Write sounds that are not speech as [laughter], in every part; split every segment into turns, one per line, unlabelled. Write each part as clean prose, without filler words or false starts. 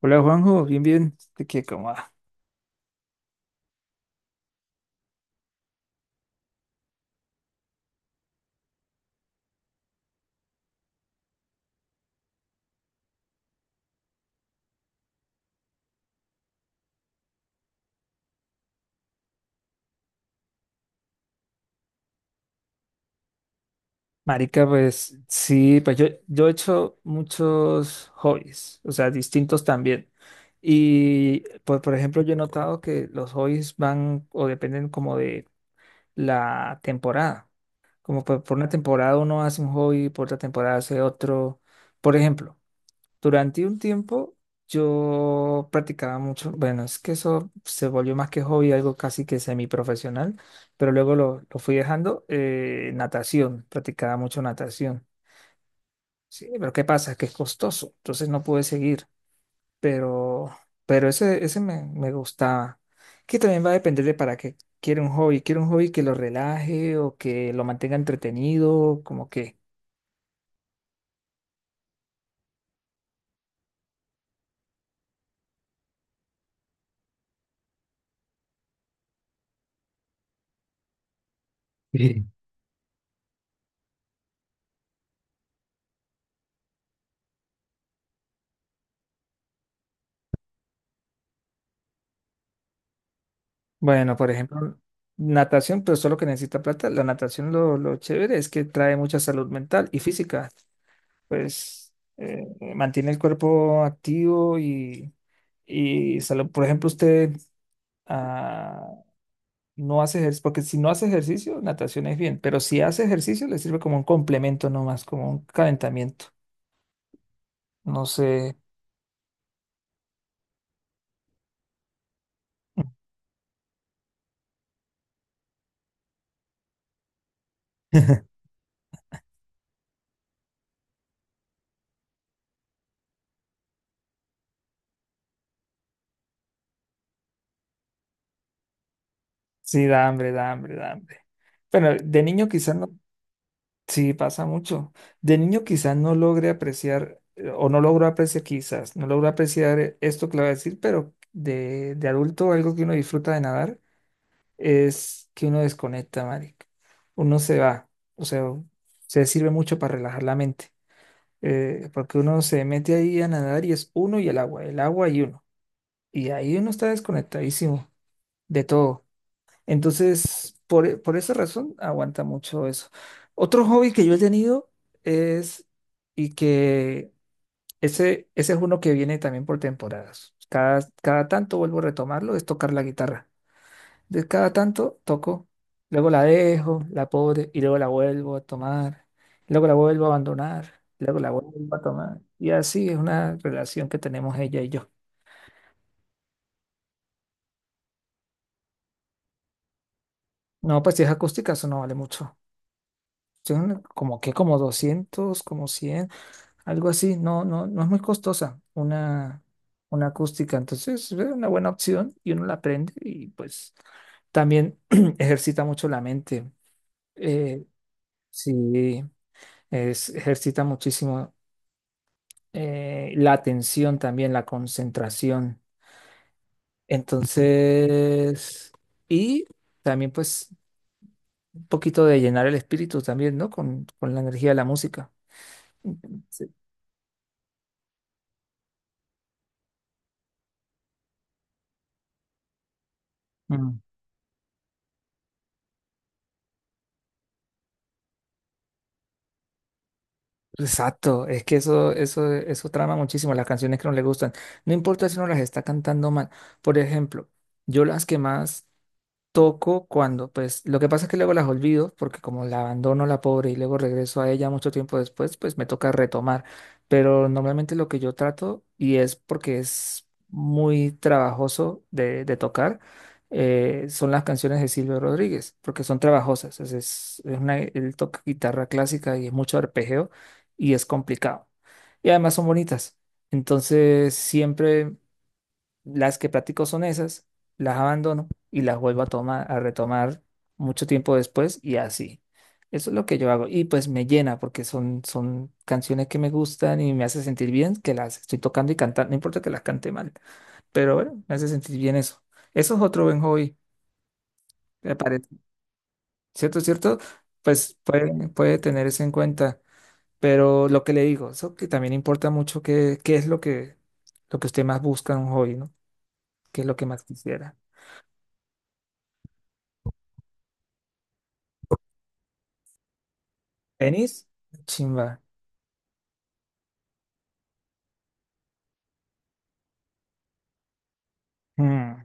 Hola Juanjo, bien, bien. Marica, pues sí, pues yo he hecho muchos hobbies, o sea, distintos también. Y pues, por ejemplo, yo he notado que los hobbies van o dependen como de la temporada. Como por una temporada uno hace un hobby, por otra temporada hace otro. Por ejemplo, durante un tiempo yo practicaba mucho, bueno, es que eso se volvió más que hobby, algo casi que semiprofesional, pero luego lo fui dejando, natación, practicaba mucho natación. Sí, pero ¿qué pasa? Que es costoso, entonces no pude seguir, pero, pero ese me gustaba. Que también va a depender de para qué quiere un hobby que lo relaje o que lo mantenga entretenido, como que. [laughs] Bueno, por ejemplo, natación, pero solo que necesita plata. La natación lo chévere es que trae mucha salud mental y física. Pues mantiene el cuerpo activo y salud. Por ejemplo, usted ah, no hace ejercicio, porque si no hace ejercicio, natación es bien, pero si hace ejercicio, le sirve como un complemento nomás, como un calentamiento. No sé. [laughs] Sí, da hambre, da hambre, da hambre. Bueno, de niño quizás no. Sí, pasa mucho. De niño quizás no logre apreciar, o no logro apreciar quizás, no logro apreciar esto que le voy a decir, pero de adulto algo que uno disfruta de nadar es que uno desconecta, marica. Uno se va, o sea, se sirve mucho para relajar la mente, porque uno se mete ahí a nadar y es uno y el agua y uno. Y ahí uno está desconectadísimo de todo. Entonces, por esa razón, aguanta mucho eso. Otro hobby que yo he tenido es, y que ese es uno que viene también por temporadas. Cada tanto vuelvo a retomarlo, es tocar la guitarra. De cada tanto toco, luego la dejo, la pobre, y luego la vuelvo a tomar, luego la vuelvo a abandonar, luego la vuelvo a tomar. Y así es una relación que tenemos ella y yo. No, pues si es acústica, eso no vale mucho. Son como que como 200 como 100, algo así, no, no, no es muy costosa una acústica, entonces es una buena opción y uno la aprende y pues también [clears throat] ejercita mucho la mente. Eh, sí, ejercita muchísimo la atención también, la concentración. Entonces, y también pues un poquito de llenar el espíritu también, ¿no? Con la energía de la música. Sí. Mm. Exacto, es que eso trama muchísimo las canciones que no le gustan. No importa si no las está cantando mal. Por ejemplo, yo las que más toco cuando, pues, lo que pasa es que luego las olvido, porque como la abandono la pobre y luego regreso a ella mucho tiempo después, pues me toca retomar. Pero normalmente lo que yo trato, y es porque es muy trabajoso de tocar, son las canciones de Silvio Rodríguez, porque son trabajosas. Es una, él toca guitarra clásica y es mucho arpegio y es complicado. Y además son bonitas. Entonces, siempre las que practico son esas, las abandono y las vuelvo a tomar, a retomar mucho tiempo después y así. Eso es lo que yo hago y pues me llena porque son canciones que me gustan y me hace sentir bien que las estoy tocando y cantando, no importa que las cante mal, pero bueno, me hace sentir bien eso. Eso es otro buen hobby, me parece. ¿Cierto, cierto? Pues puede tener eso en cuenta, pero lo que le digo, eso que también importa mucho qué es lo que usted más busca en un hobby, ¿no? ¿Qué es lo que más quisiera? ¿Tenis? Chimba. Mm,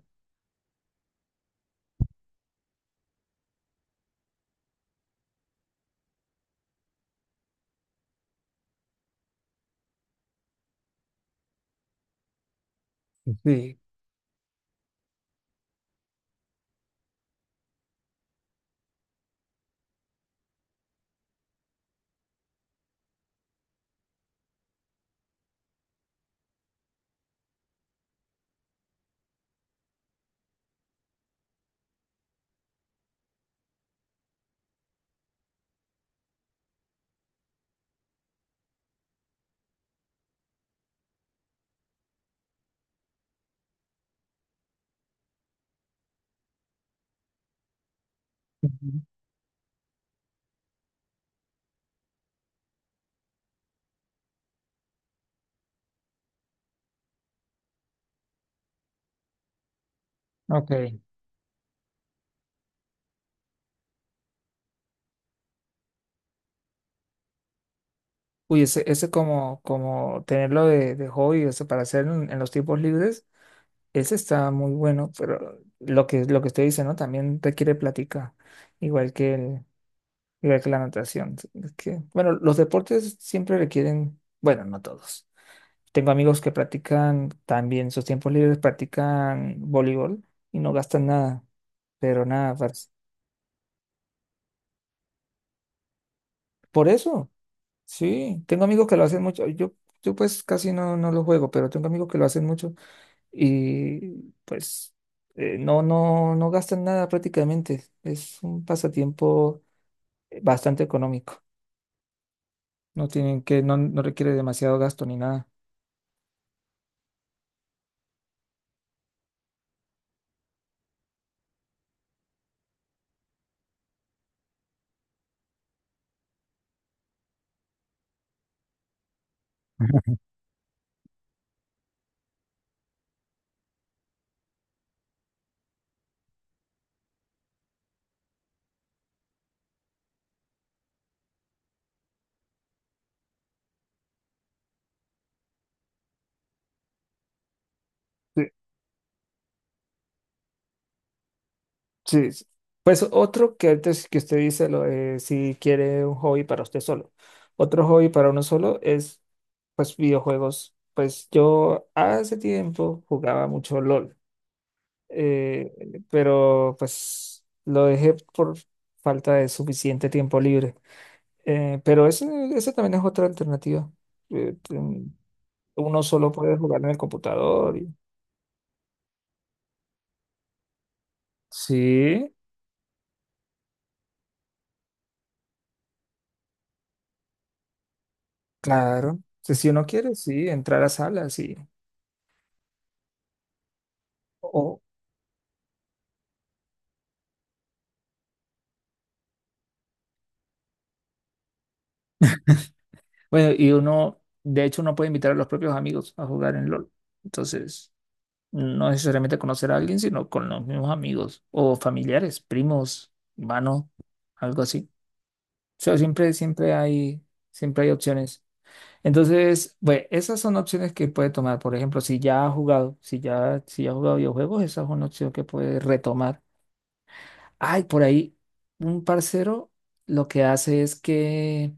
sí. Ujú. Ok. Uy, ese como tenerlo de hobby, o sea, para hacer en los tiempos libres, ese está muy bueno, pero lo que usted dice, ¿no? También requiere plática, igual que el, igual que la natación. Es que, bueno, los deportes siempre requieren, bueno, no todos. Tengo amigos que practican también, sus tiempos libres practican voleibol y no gastan nada, pero nada, parce. Por eso. Sí, tengo amigos que lo hacen mucho. Yo pues casi no lo juego, pero tengo amigos que lo hacen mucho y pues no gastan nada prácticamente. Es un pasatiempo bastante económico. No tienen que, no requiere demasiado gasto ni nada. Ujú. Sí, sí. Sí. Pues otro que antes que usted dice lo, de si quiere un hobby para usted solo. Otro hobby para uno solo es pues videojuegos. Pues yo hace tiempo jugaba mucho LOL. eh, pero pues lo dejé por falta de suficiente tiempo libre. Pero ese también es otra alternativa. Eh, ten- uno solo puede jugar en el computador. Sí, claro. Si uno quiere, sí, entrar a salas y... o- bueno, y uno, de hecho, uno puede invitar a los propios amigos a jugar en LOL. Entonces, no necesariamente conocer a alguien, sino con los mismos amigos o familiares, primos, hermanos, algo así. O sea, siempre hay opciones. Entonces, bueno, esas son opciones que puede tomar. Por ejemplo, si ya ha jugado, si ya, si ya ha jugado videojuegos, esa es una opción que puede retomar. Ay, por ahí, un parcero lo que hace es que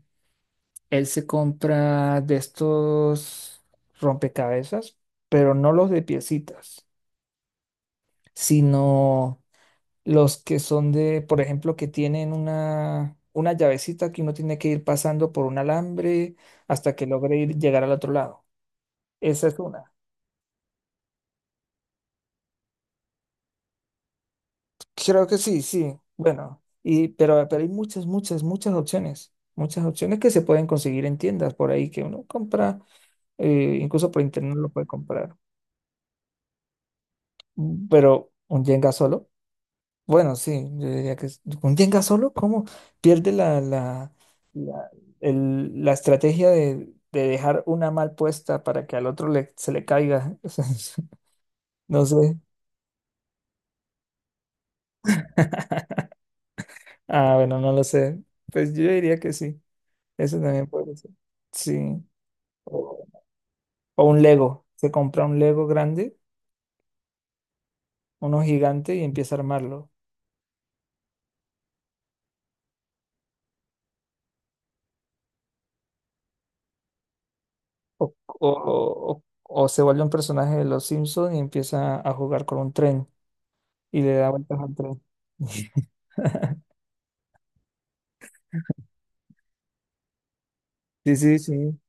él se compra de estos rompecabezas, pero no los de piecitas, sino los que son de, por ejemplo, que tienen una llavecita que uno tiene que ir pasando por un alambre hasta que logre ir, llegar al otro lado. Esa es una. Creo que sí, sí. Bueno, y, pero hay muchas, muchas, muchas opciones. Muchas opciones que se pueden conseguir en tiendas por ahí que uno compra, incluso por internet lo puede comprar. Pero un Jenga solo. Bueno, sí, yo diría que un Jenga solo, ¿cómo pierde la la estrategia de dejar una mal puesta para que al otro se le caiga? [laughs] O sea, no sé. Ah, bueno, no lo sé. Pues yo diría que sí. Eso también puede ser. Sí. O, o un Lego. Se compra un Lego grande, uno gigante y empieza a armarlo. O se vuelve un personaje de los Simpsons y empieza a jugar con un tren y le da vueltas al tren. [laughs] Sí, sí, sí.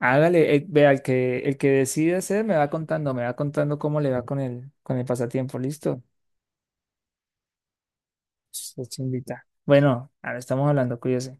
Hágale, vea, el que decide hacer me va contando cómo le va con el pasatiempo, ¿listo? Se invita. Bueno, ahora estamos hablando, cuídese.